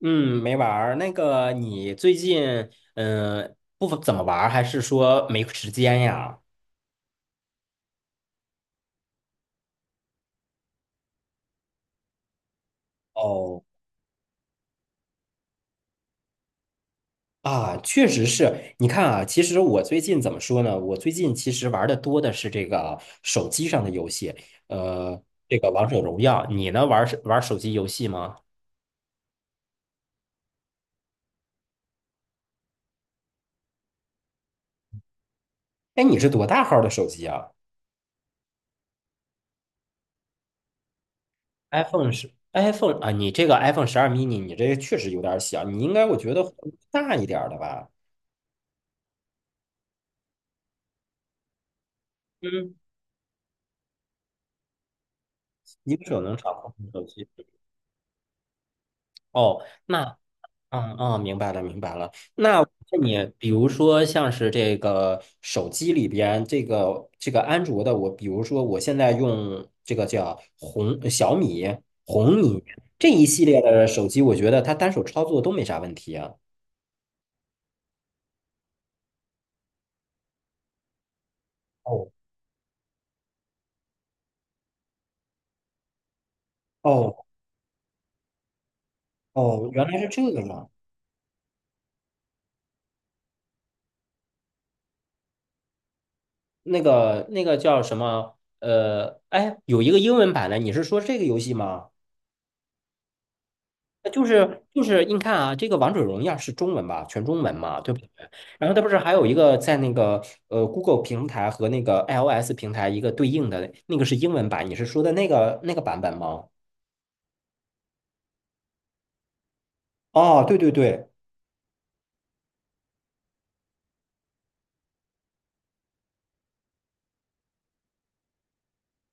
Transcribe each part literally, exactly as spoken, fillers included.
嗯，没玩儿。那个，你最近嗯、呃不怎么玩儿，还是说没时间呀？哦，啊，确实是。你看啊，其实我最近怎么说呢？我最近其实玩的多的是这个手机上的游戏，呃，这个王者荣耀。你呢，玩儿玩儿手机游戏吗？哎，你是多大号的手机啊？iPhone 是 iPhone 啊？你这个 iPhone 十二 mini,你这个确实有点儿小，你应该我觉得大一点儿的吧？嗯，一个手能掌控的手机。哦，那，嗯嗯，明白了，明白了。那我问你，比如说像是这个手机里边这个这个安卓的，我比如说我现在用这个叫红呃小米、红米这一系列的手机，我觉得它单手操作都没啥问题啊。哦哦哦，原来是这个样。那个那个叫什么？呃，哎，有一个英文版的，你是说这个游戏吗？那就是就是你看啊，这个《王者荣耀》是中文吧，全中文嘛，对不对？然后它不是还有一个在那个呃 Google 平台和那个 iOS 平台一个对应的那个是英文版，你是说的那个那个版本吗？哦，对对对，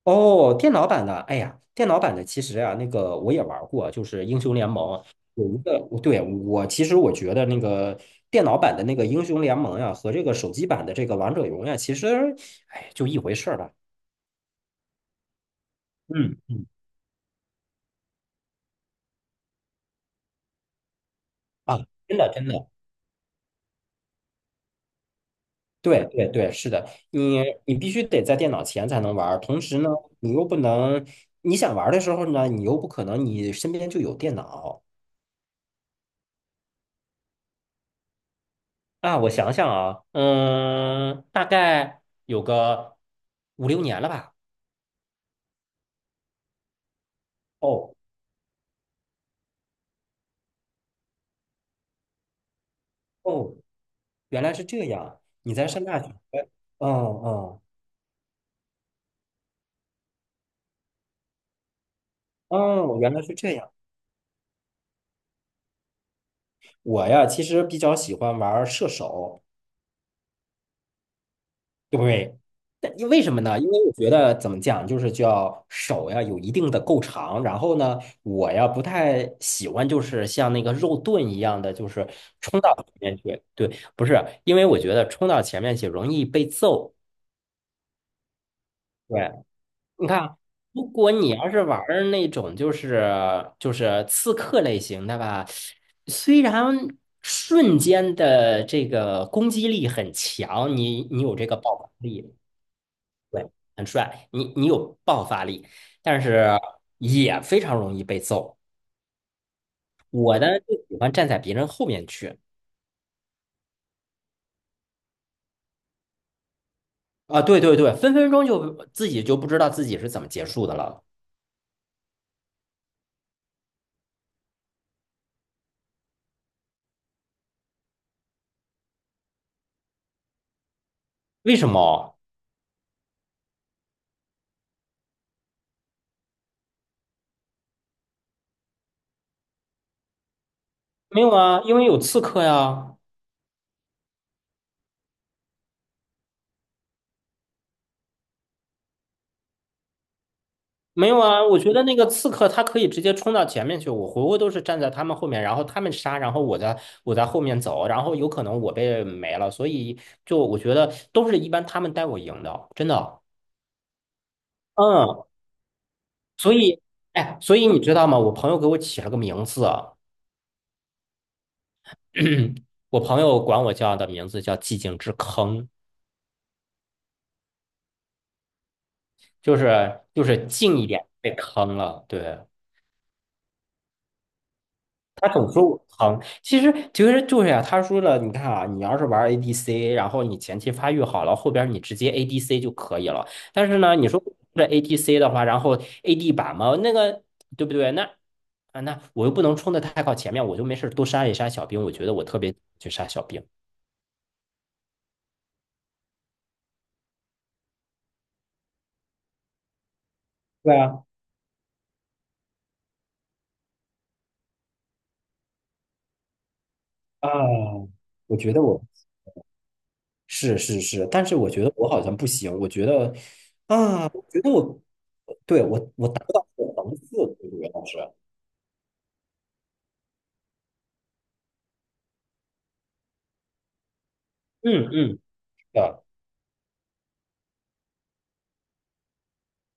哦，电脑版的，哎呀，电脑版的其实啊，那个我也玩儿过，就是英雄联盟有一个，对，我其实我觉得那个电脑版的那个英雄联盟呀、和这个手机版的这个王者荣耀其实，哎，就一回事儿吧。嗯嗯啊，真的真的。对对对，是的，你你必须得在电脑前才能玩儿，同时呢，你又不能，你想玩儿的时候呢，你又不可能你身边就有电脑啊。我想想啊，嗯，大概有个五六年了吧。哦哦，原来是这样，你在上大学？嗯嗯嗯，哦原来是这样。我呀，其实比较喜欢玩儿射手。对，但因为什么呢？因为我觉得怎么讲，就是叫手呀有一定的够长，然后呢，我呀不太喜欢就是像那个肉盾一样的，就是冲到前面去。对，不是，因为我觉得冲到前面去容易被揍。对，你看，如果你要是玩儿那种就是就是刺客类型的吧，虽然瞬间的这个攻击力很强，你你有这个爆发力。对，很帅，你你有爆发力，但是也非常容易被揍。我呢就喜欢站在别人后面去啊，对对对，分分钟就自己就不知道自己是怎么结束的了。为什么？没有啊，因为有刺客呀。没有啊，我觉得那个刺客他可以直接冲到前面去，我回回都是站在他们后面，然后他们杀，然后我在我在后面走，然后有可能我被没了，所以就我觉得都是一般他们带我赢的，真的。嗯，所以，哎，所以你知道吗？我朋友给我起了个名字啊，我朋友管我叫的名字叫"寂静之坑"，就是就是近一点被坑了。对，他总说我坑，其实其实就是呀、他说了，你看啊，你要是玩 A D C，然后你前期发育好了，后边你直接 A D C 就可以了。但是呢，你说这 a d c 的话，然后 A D 版嘛，那个对不对？那啊，那我又不能冲的太靠前面，我就没事多杀一杀小兵，我觉得我特别去杀小兵。对啊，啊，我觉得我是是是，但是我觉得我好像不行，我觉得啊，我觉得我对我我达不到个层次，对不对，老师？嗯嗯，对。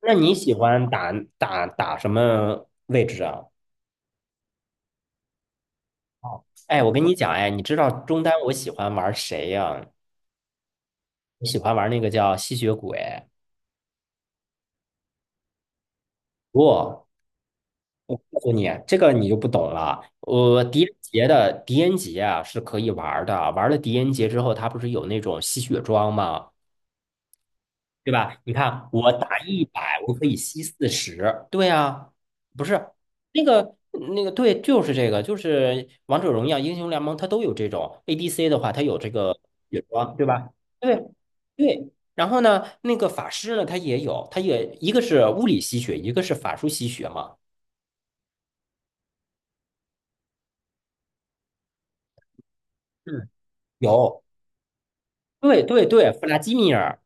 那你喜欢打打打什么位置啊？哦，哎，我跟你讲，哎，你知道中单我喜欢玩谁呀、我喜欢玩那个叫吸血鬼，不，我告诉你，这个你就不懂了。呃，狄仁杰的狄仁杰啊是可以玩儿的，玩了狄仁杰之后，他不是有那种吸血装吗？对吧？你看我打一百，我可以吸四十。对啊，不是那个那个，对，就是这个，就是王者荣耀、英雄联盟，它都有这种 A D C 的话，它有这个血装，对吧？对对。然后呢，那个法师呢，他也有，他也一个是物理吸血，一个是法术吸血嘛。嗯，有。对对对，弗拉基米尔，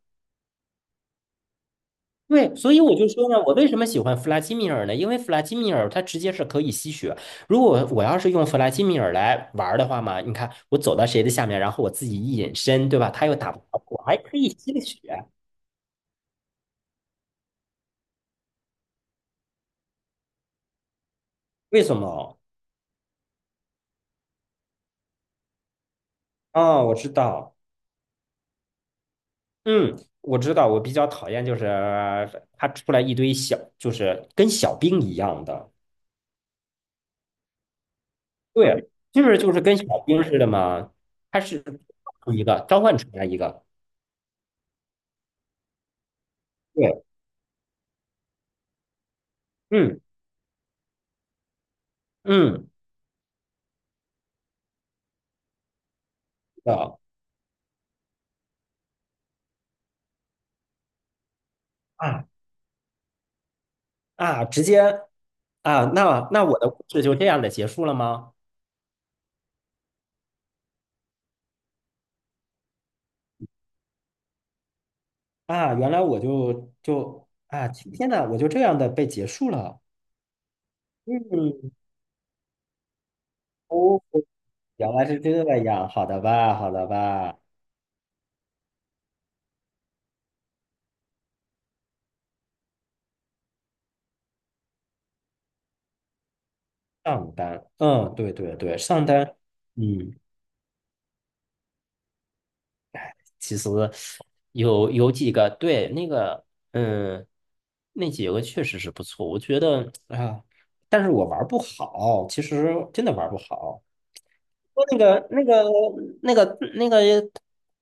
对，所以我就说呢，我为什么喜欢弗拉基米尔呢？因为弗拉基米尔它直接是可以吸血。如果我要是用弗拉基米尔来玩儿的话嘛，你看我走到谁的下面，然后我自己一隐身，对吧？他又打不着我，还可以吸个血，为什么？哦，我知道，嗯，我知道，我比较讨厌就是他出来一堆小，就是跟小兵一样的，对，就是就是跟小兵似的嘛，他是一个召唤出来一个，对。嗯。嗯，的啊啊，直接啊，那那我的故事就这样的结束了吗？啊，原来我就就啊，今天呐，我就这样的被结束了。嗯，哦，原来是这样，好的吧，好的吧。上单，嗯，对对对，上单，嗯，其实有有几个，对，那个，嗯，那几个确实是不错，我觉得啊，但是我玩不好，其实真的玩不好。说那个那个那个那个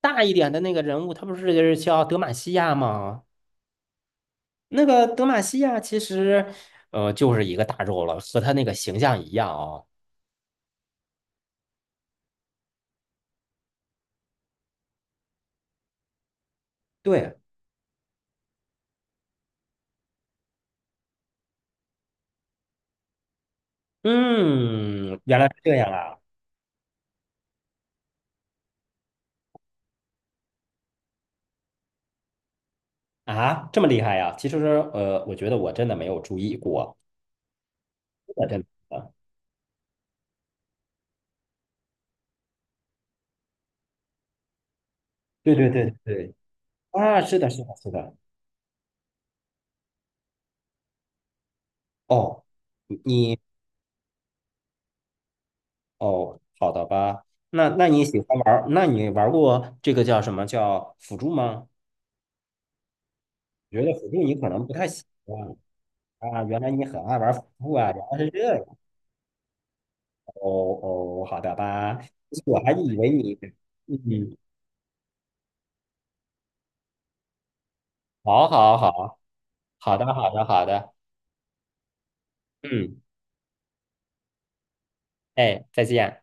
大一点的那个人物，他不是就是叫德玛西亚吗？那个德玛西亚其实，呃，就是一个大肉了，和他那个形象一样哦。对，嗯，原来是这样啊！啊，这么厉害呀、其实，呃，我觉得我真的没有注意过，真的真的。对对对对，啊，是的，是的，是的。哦，你哦，好的吧？那那你喜欢玩儿那你玩过这个叫什么叫辅助吗？觉得辅助你可能不太喜欢啊，原来你很爱玩辅助啊，原来是这样，哦哦，好的吧，我还以为你，嗯，好好好，好的好的好的，嗯，哎，再见。